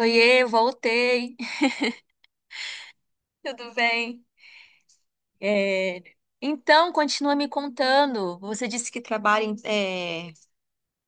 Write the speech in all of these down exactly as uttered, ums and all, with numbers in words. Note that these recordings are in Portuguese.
Oiê, voltei. Tudo bem? É, Então, continua me contando. Você disse que trabalha em- é,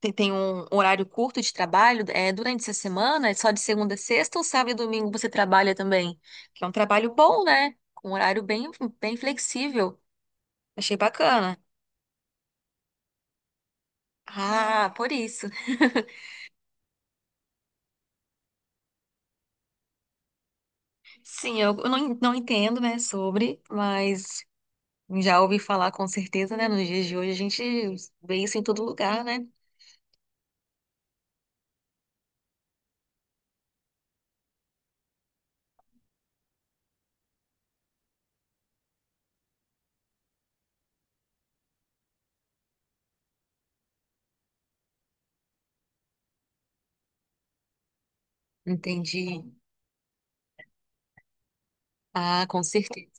tem, tem um horário curto de trabalho é, durante essa semana? É só de segunda a sexta ou sábado e domingo você trabalha também? Que é um trabalho bom, né? Com um horário bem, bem flexível. Achei bacana. Ah, por isso. Sim, eu, eu não, en- não entendo, né, sobre, mas já ouvi falar com certeza, né? Nos dias de hoje a gente vê isso em todo lugar, né? Entendi. Ah, com certeza.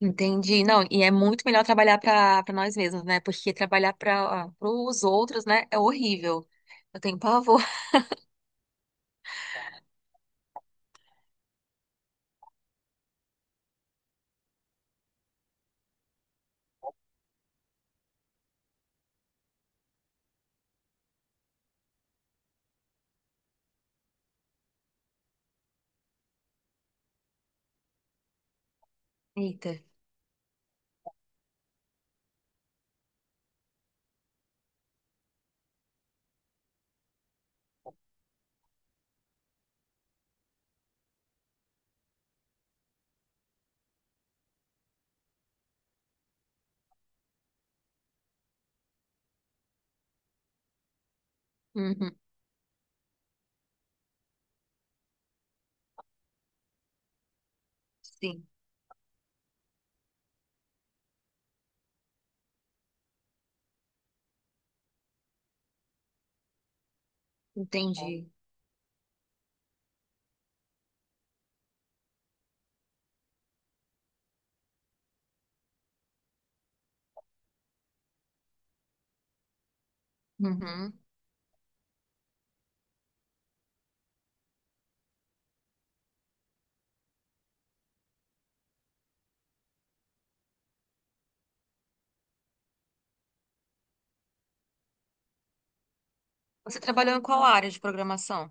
Entendi. Não, e é muito melhor trabalhar para para nós mesmos, né? Porque trabalhar para os outros, né, é horrível. Eu tenho pavor. Eita. Uhum. Sim, entendi. Uhum. Você trabalhou em qual área de programação?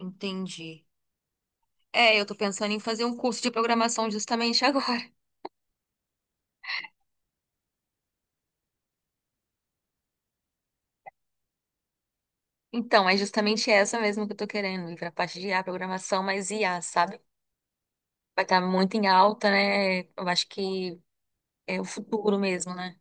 Entendi. É, eu tô pensando em fazer um curso de programação justamente agora. Então, é justamente essa mesmo que eu tô querendo, ir pra parte de I A, programação, mas I A, sabe? Vai estar muito em alta, né? Eu acho que é o futuro mesmo, né?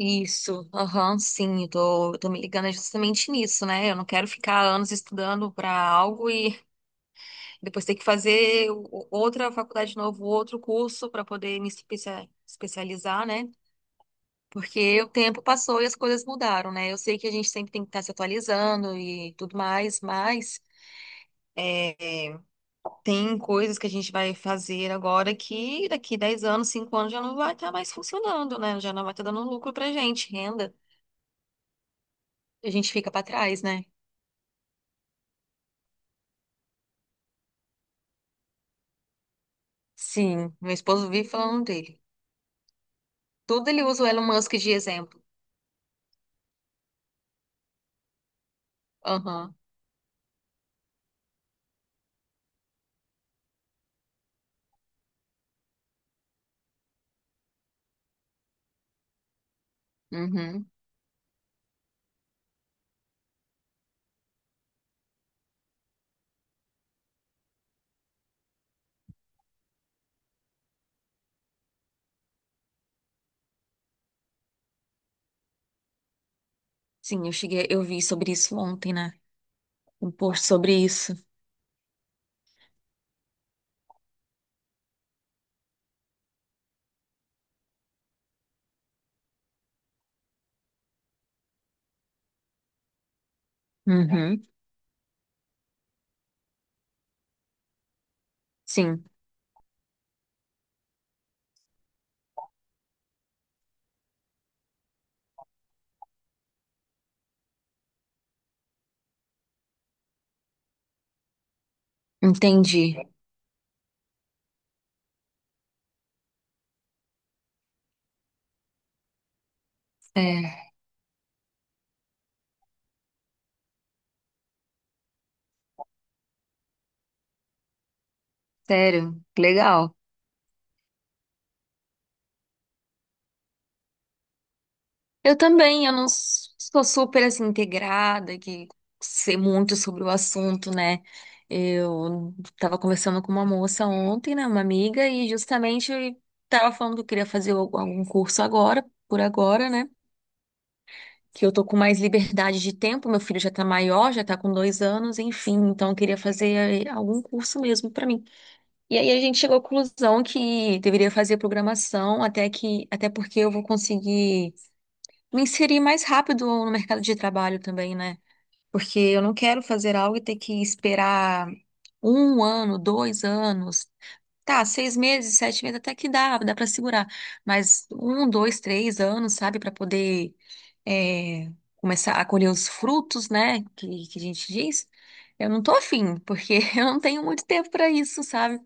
Isso, aham, sim, eu tô, eu tô me ligando justamente nisso, né? Eu não quero ficar anos estudando para algo e depois ter que fazer o- outra faculdade de novo, outro curso para poder me especia- especializar, né? Porque o tempo passou e as coisas mudaram, né? Eu sei que a gente sempre tem que estar se atualizando e tudo mais, mas é, é, tem coisas que a gente vai fazer agora que daqui dez anos, cinco anos já não vai estar mais funcionando, né? Já não vai estar dando lucro pra gente, renda. A gente fica para trás, né? Sim, meu esposo vive falando dele. Tudo ele usa o Elon Musk de exemplo. Aham. Uhum. Sim, eu cheguei, eu vi sobre isso ontem, né? Um post sobre isso. Uhum. Sim, entendi. É, sério, legal. Eu também, eu não s- sou super assim integrada, que sei muito sobre o assunto, né? Eu tava conversando com uma moça ontem, né, uma amiga, e justamente eu tava falando que eu queria fazer al- algum curso agora, por agora, né? Que eu tô com mais liberdade de tempo, meu filho já tá maior, já tá com dois anos, enfim, então eu queria fazer eh, algum curso mesmo pra mim. E aí a gente chegou à conclusão que deveria fazer programação, até que, até porque eu vou conseguir me inserir mais rápido no mercado de trabalho também, né? Porque eu não quero fazer algo e ter que esperar um ano, dois anos. Tá, seis meses, sete meses, até que dá, dá para segurar. Mas um, dois, três anos, sabe, para poder é, começar a colher os frutos, né, que, que a gente diz. Eu não tô afim, porque eu não tenho muito tempo para isso, sabe?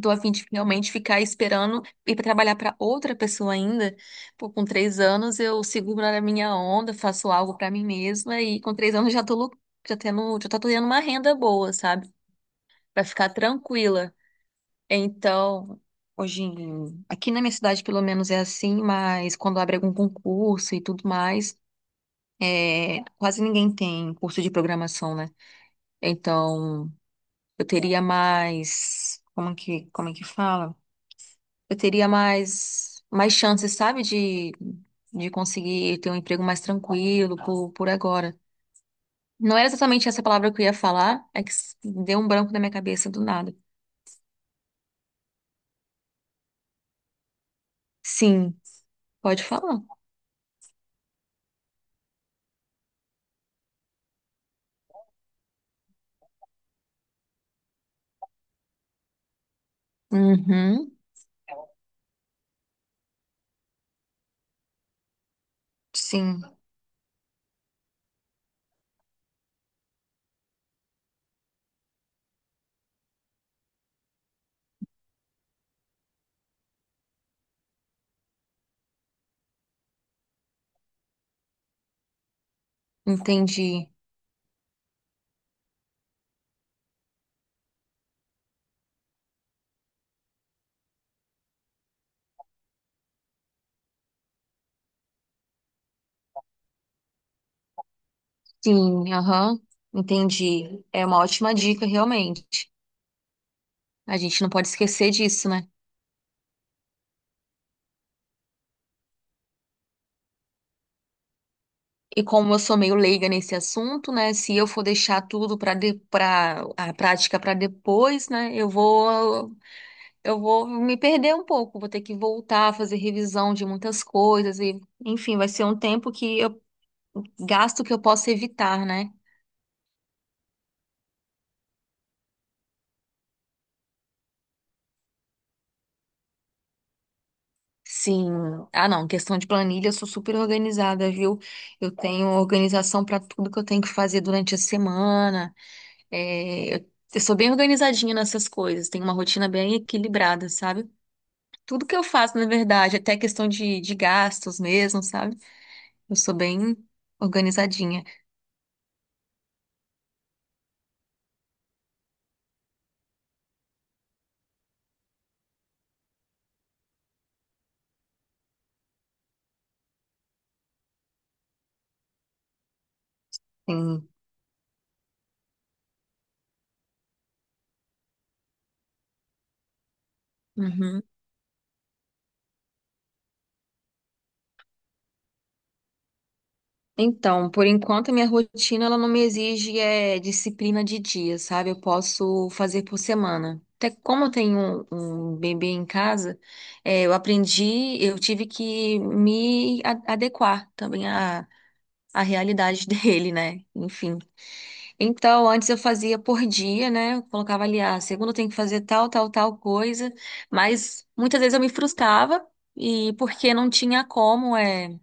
Tô afim de realmente ficar esperando ir pra trabalhar para outra pessoa ainda. Pô, com três anos eu seguro a minha onda, faço algo para mim mesma e com três anos já tô, lu- já tendo, já tô tendo uma renda boa, sabe? Pra ficar tranquila. Então, hoje em- aqui na minha cidade pelo menos é assim, mas quando abre algum concurso e tudo mais, é, quase ninguém tem curso de programação, né? Então, eu teria mais, como que, como é que fala? Eu teria mais, mais chances, sabe, de, de conseguir ter um emprego mais tranquilo por, por agora. Não era exatamente essa palavra que eu ia falar, é que s- deu um branco na minha cabeça do nada. Sim, pode falar. Uhum, sim. Entendi. Sim, aham. Entendi. É uma ótima dica, realmente. A gente não pode esquecer disso, né? E como eu sou meio leiga nesse assunto, né? Se eu for deixar tudo para de, para a prática para depois, né? Eu vou eu vou me perder um pouco, vou ter que voltar a fazer revisão de muitas coisas e, enfim, vai ser um tempo que eu gasto que eu posso evitar, né? Sim. Ah, não. Questão de planilha, eu sou super organizada, viu? Eu tenho organização para tudo que eu tenho que fazer durante a semana. É, eu, eu sou bem organizadinha nessas coisas. Tenho uma rotina bem equilibrada, sabe? Tudo que eu faço, na verdade, até questão de, de gastos mesmo, sabe? Eu sou bem organizadinha. Sim. Uhum. Então, por enquanto, a minha rotina ela não me exige é, disciplina de dia, sabe? Eu posso fazer por semana. Até como eu tenho um, um bebê em casa, é, eu aprendi, eu tive que me a- adequar também à, à realidade dele, né? Enfim. Então, antes eu fazia por dia, né? Eu colocava ali, ah, segunda eu tenho que fazer tal, tal, tal coisa, mas muitas vezes eu me frustrava. E porque não tinha como, é.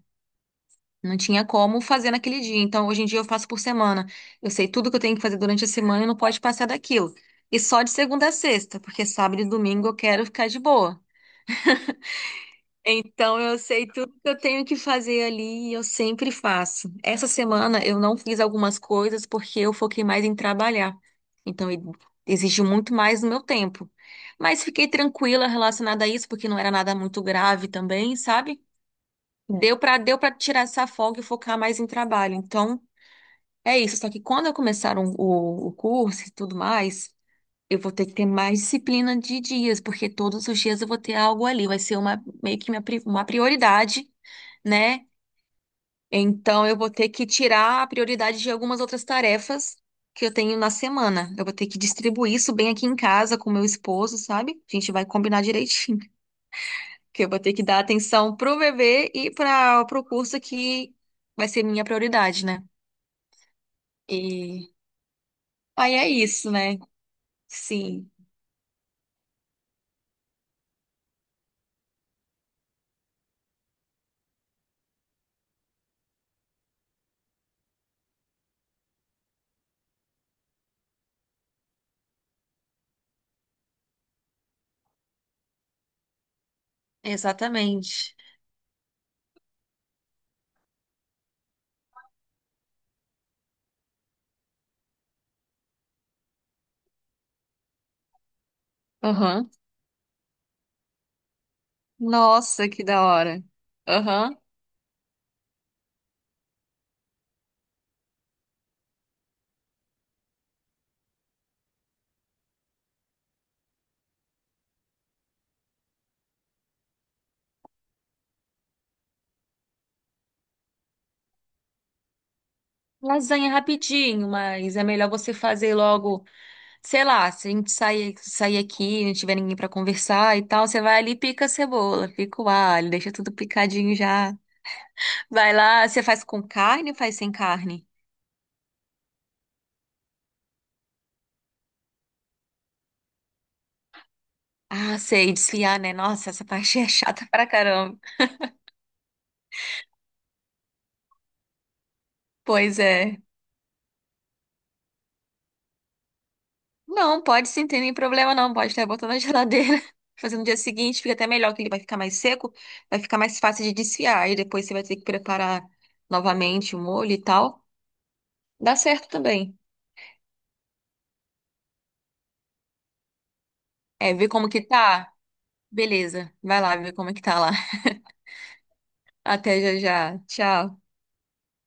Não tinha como fazer naquele dia. Então, hoje em dia eu faço por semana. Eu sei tudo que eu tenho que fazer durante a semana e não pode passar daquilo. E só de segunda a sexta, porque sábado e domingo eu quero ficar de boa. Então, eu sei tudo que eu tenho que fazer ali e eu sempre faço. Essa semana eu não fiz algumas coisas porque eu foquei mais em trabalhar. Então, e- exigiu muito mais do meu tempo. Mas fiquei tranquila relacionada a isso, porque não era nada muito grave também, sabe? Deu pra, deu para tirar essa folga e focar mais em trabalho. Então, é isso, só que quando eu começar um- o, o curso e tudo mais, eu vou ter que ter mais disciplina de dias, porque todos os dias eu vou ter algo ali, vai ser uma meio que minha pri- uma prioridade, né? Então eu vou ter que tirar a prioridade de algumas outras tarefas que eu tenho na semana. Eu vou ter que distribuir isso bem aqui em casa com meu esposo, sabe? A gente vai combinar direitinho, que eu vou ter que dar atenção pro bebê e para pro curso que vai ser minha prioridade, né? E aí é isso, né? Sim. Exatamente. Aham. Nossa, que da hora. Aham. Lasanha rapidinho, mas é melhor você fazer logo, sei lá, se a gente sair, sair aqui, não tiver ninguém pra conversar e tal, você vai ali, e pica a cebola, pica o alho, deixa tudo picadinho já. Vai lá, você faz com carne ou faz sem carne? Ah, sei, desfiar, né? Nossa, essa parte é chata pra caramba. Pois é. Não, pode sim, tem nenhum problema não. Pode até botar na geladeira. Fazer no dia seguinte, fica até melhor, que ele vai ficar mais seco, vai ficar mais fácil de desfiar. E depois você vai ter que preparar novamente o molho e tal. Dá certo também. É, ver como que tá. Beleza, vai lá ver como é que tá lá. Até já já. Tchau.